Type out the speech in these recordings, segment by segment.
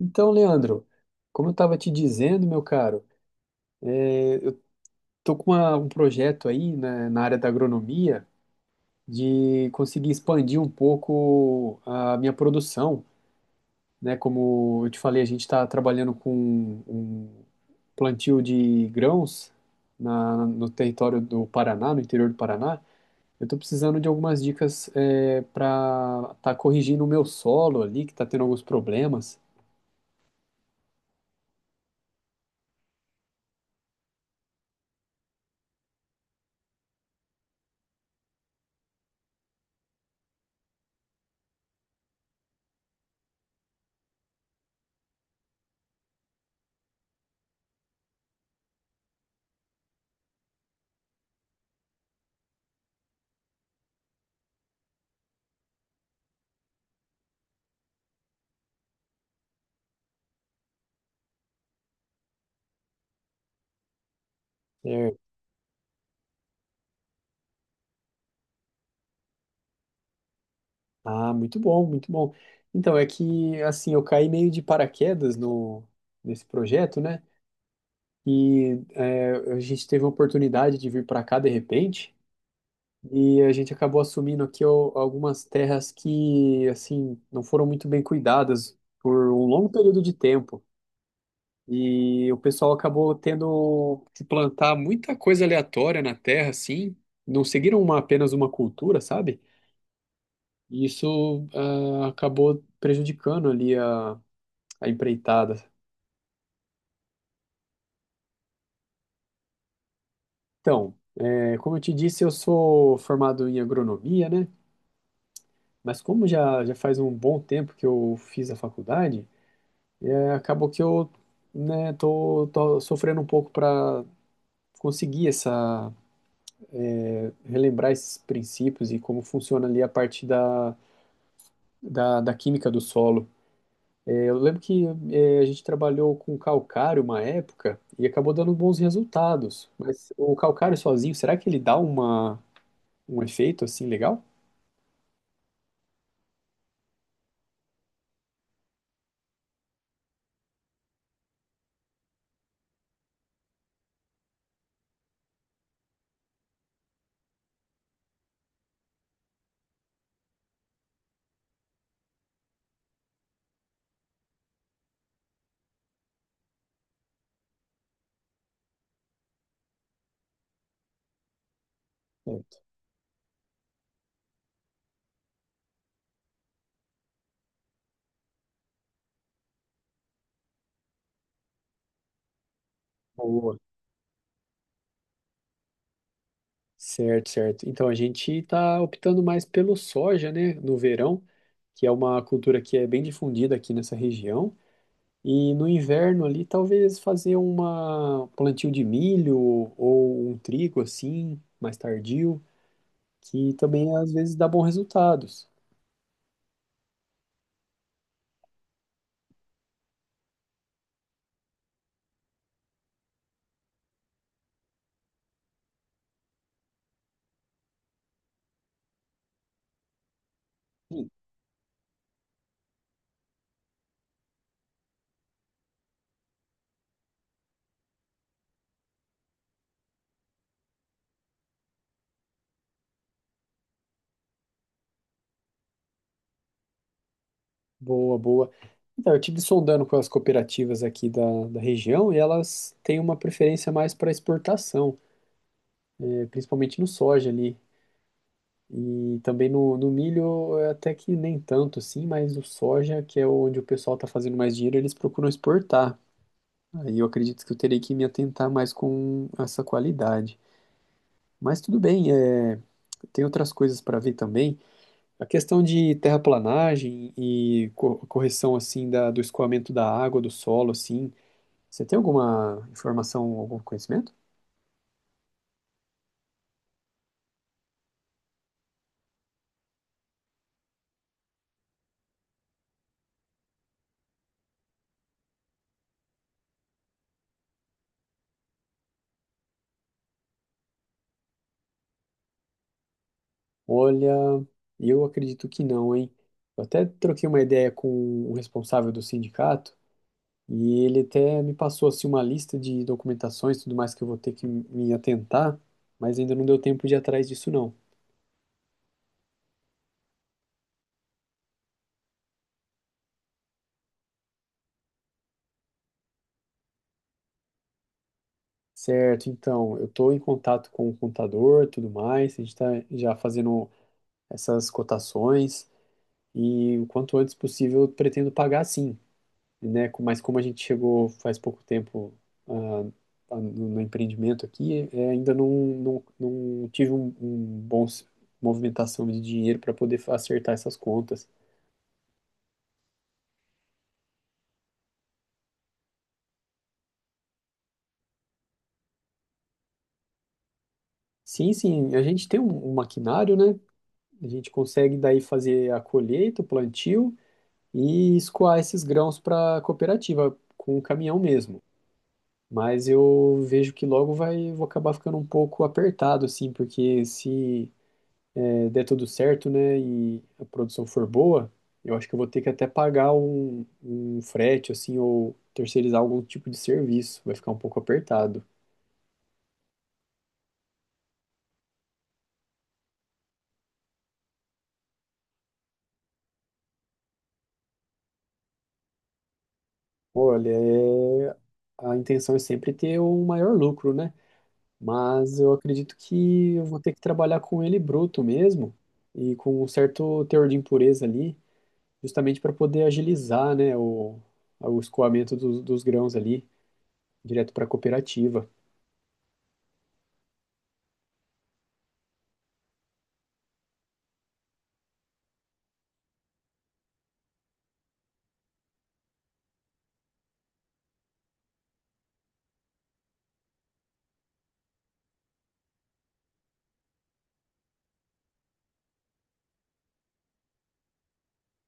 Então, Leandro, como eu estava te dizendo, meu caro, estou com um projeto aí né, na área da agronomia de conseguir expandir um pouco a minha produção, né? Como eu te falei, a gente está trabalhando com um plantio de grãos no território do Paraná, no interior do Paraná. Eu estou precisando de algumas dicas para estar corrigindo o meu solo ali, que está tendo alguns problemas. É, ah, muito bom, muito bom. Então, é que, assim, eu caí meio de paraquedas no, nesse projeto, né? E é, a gente teve a oportunidade de vir para cá de repente, e a gente acabou assumindo aqui algumas terras que, assim, não foram muito bem cuidadas por um longo período de tempo. E o pessoal acabou tendo que plantar muita coisa aleatória na terra, assim, não seguiram apenas uma cultura, sabe? E isso acabou prejudicando ali a empreitada. Então, é, como eu te disse, eu sou formado em agronomia, né? Mas como já faz um bom tempo que eu fiz a faculdade, é, acabou que eu, né, tô sofrendo um pouco para conseguir essa, relembrar esses princípios e como funciona ali a parte da química do solo. É, eu lembro que é, a gente trabalhou com calcário uma época e acabou dando bons resultados. Mas o calcário sozinho, será que ele dá uma, um efeito assim legal? Boa. Certo, certo. Então a gente está optando mais pelo soja, né, no verão, que é uma cultura que é bem difundida aqui nessa região. E no inverno ali, talvez fazer uma um plantio de milho ou um trigo assim, mais tardio, que também às vezes dá bons resultados. Boa, boa. Então, eu estive sondando com as cooperativas aqui da região e elas têm uma preferência mais para exportação, né, principalmente no soja ali. E também no milho, até que nem tanto assim, mas o soja, que é onde o pessoal está fazendo mais dinheiro, eles procuram exportar. Aí eu acredito que eu terei que me atentar mais com essa qualidade. Mas tudo bem, tem outras coisas para ver também. A questão de terraplanagem e correção assim da, do escoamento da água, do solo, assim. Você tem alguma informação, algum conhecimento? Olha, eu acredito que não, hein? Eu até troquei uma ideia com o responsável do sindicato. E ele até me passou assim uma lista de documentações, e tudo mais que eu vou ter que me atentar, mas ainda não deu tempo de ir atrás disso não. Certo, então, eu estou em contato com o contador, tudo mais, a gente está já fazendo essas cotações e o quanto antes possível eu pretendo pagar sim, né? Mas como a gente chegou faz pouco tempo ah, no empreendimento aqui, ainda não tive um, um bom movimentação de dinheiro para poder acertar essas contas. Sim, sim, a gente tem um maquinário, né? A gente consegue daí fazer a colheita, o plantio e escoar esses grãos para a cooperativa com o caminhão mesmo. Mas eu vejo que logo vai, vou acabar ficando um pouco apertado, assim, porque se der tudo certo, né, e a produção for boa, eu acho que eu vou ter que até pagar um frete, assim, ou terceirizar algum tipo de serviço. Vai ficar um pouco apertado. Olha, é... a intenção é sempre ter o maior lucro, né? Mas eu acredito que eu vou ter que trabalhar com ele bruto mesmo e com um certo teor de impureza ali, justamente para poder agilizar, né, o escoamento dos grãos ali direto para a cooperativa.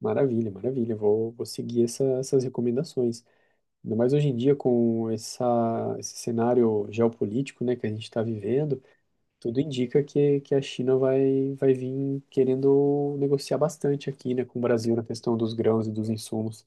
Maravilha, maravilha. Vou seguir essas recomendações. Ainda mais hoje em dia com essa, esse cenário geopolítico, né, que a gente está vivendo, tudo indica que a China vai vir querendo negociar bastante aqui, né, com o Brasil na questão dos grãos e dos insumos.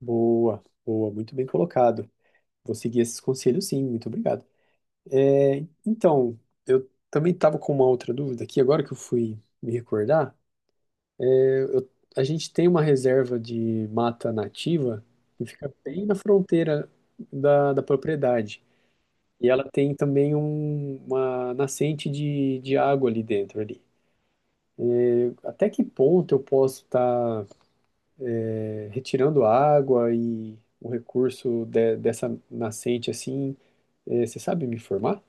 Boa, boa, muito bem colocado. Vou seguir esses conselhos, sim, muito obrigado. É, então, eu também estava com uma outra dúvida aqui, agora que eu fui me recordar. A gente tem uma reserva de mata nativa que fica bem na fronteira da propriedade. E ela tem também uma nascente de água ali dentro, ali. Até que ponto eu posso estar retirando água e o recurso dessa nascente assim? É, você sabe me informar?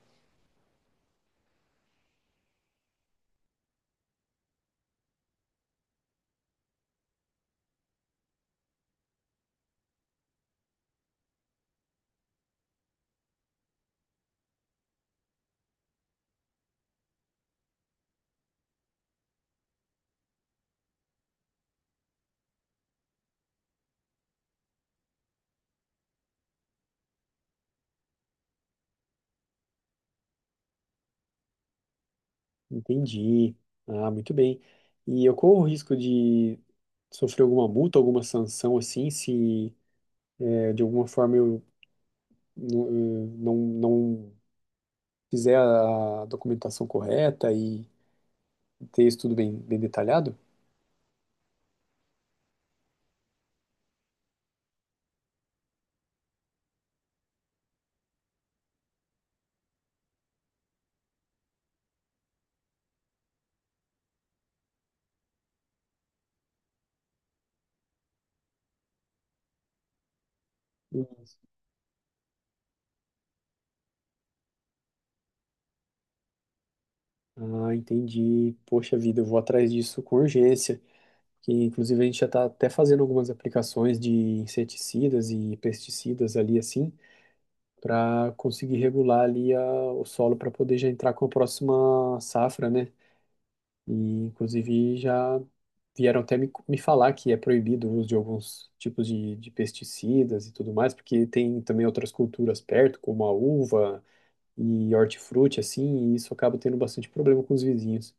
Entendi. Ah, muito bem. E eu corro o risco de sofrer alguma multa, alguma sanção, assim, se é, de alguma forma eu não, não fizer a documentação correta e ter isso tudo bem, bem detalhado? Ah, entendi. Poxa vida, eu vou atrás disso com urgência. Que inclusive a gente já está até fazendo algumas aplicações de inseticidas e pesticidas ali assim, para conseguir regular ali a, o solo para poder já entrar com a próxima safra, né? E inclusive já vieram até me falar que é proibido o uso de alguns tipos de pesticidas e tudo mais, porque tem também outras culturas perto, como a uva e hortifruti, assim, e isso acaba tendo bastante problema com os vizinhos.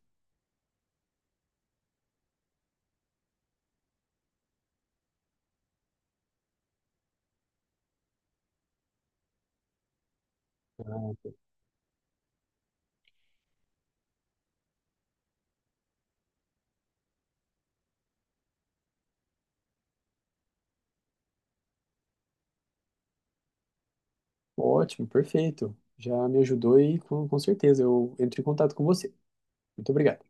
Ótimo, perfeito. Já me ajudou e com certeza eu entro em contato com você. Muito obrigado.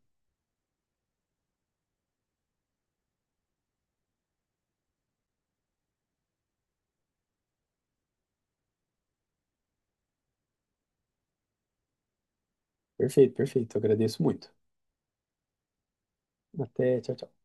Perfeito, perfeito. Agradeço muito. Até, tchau, tchau.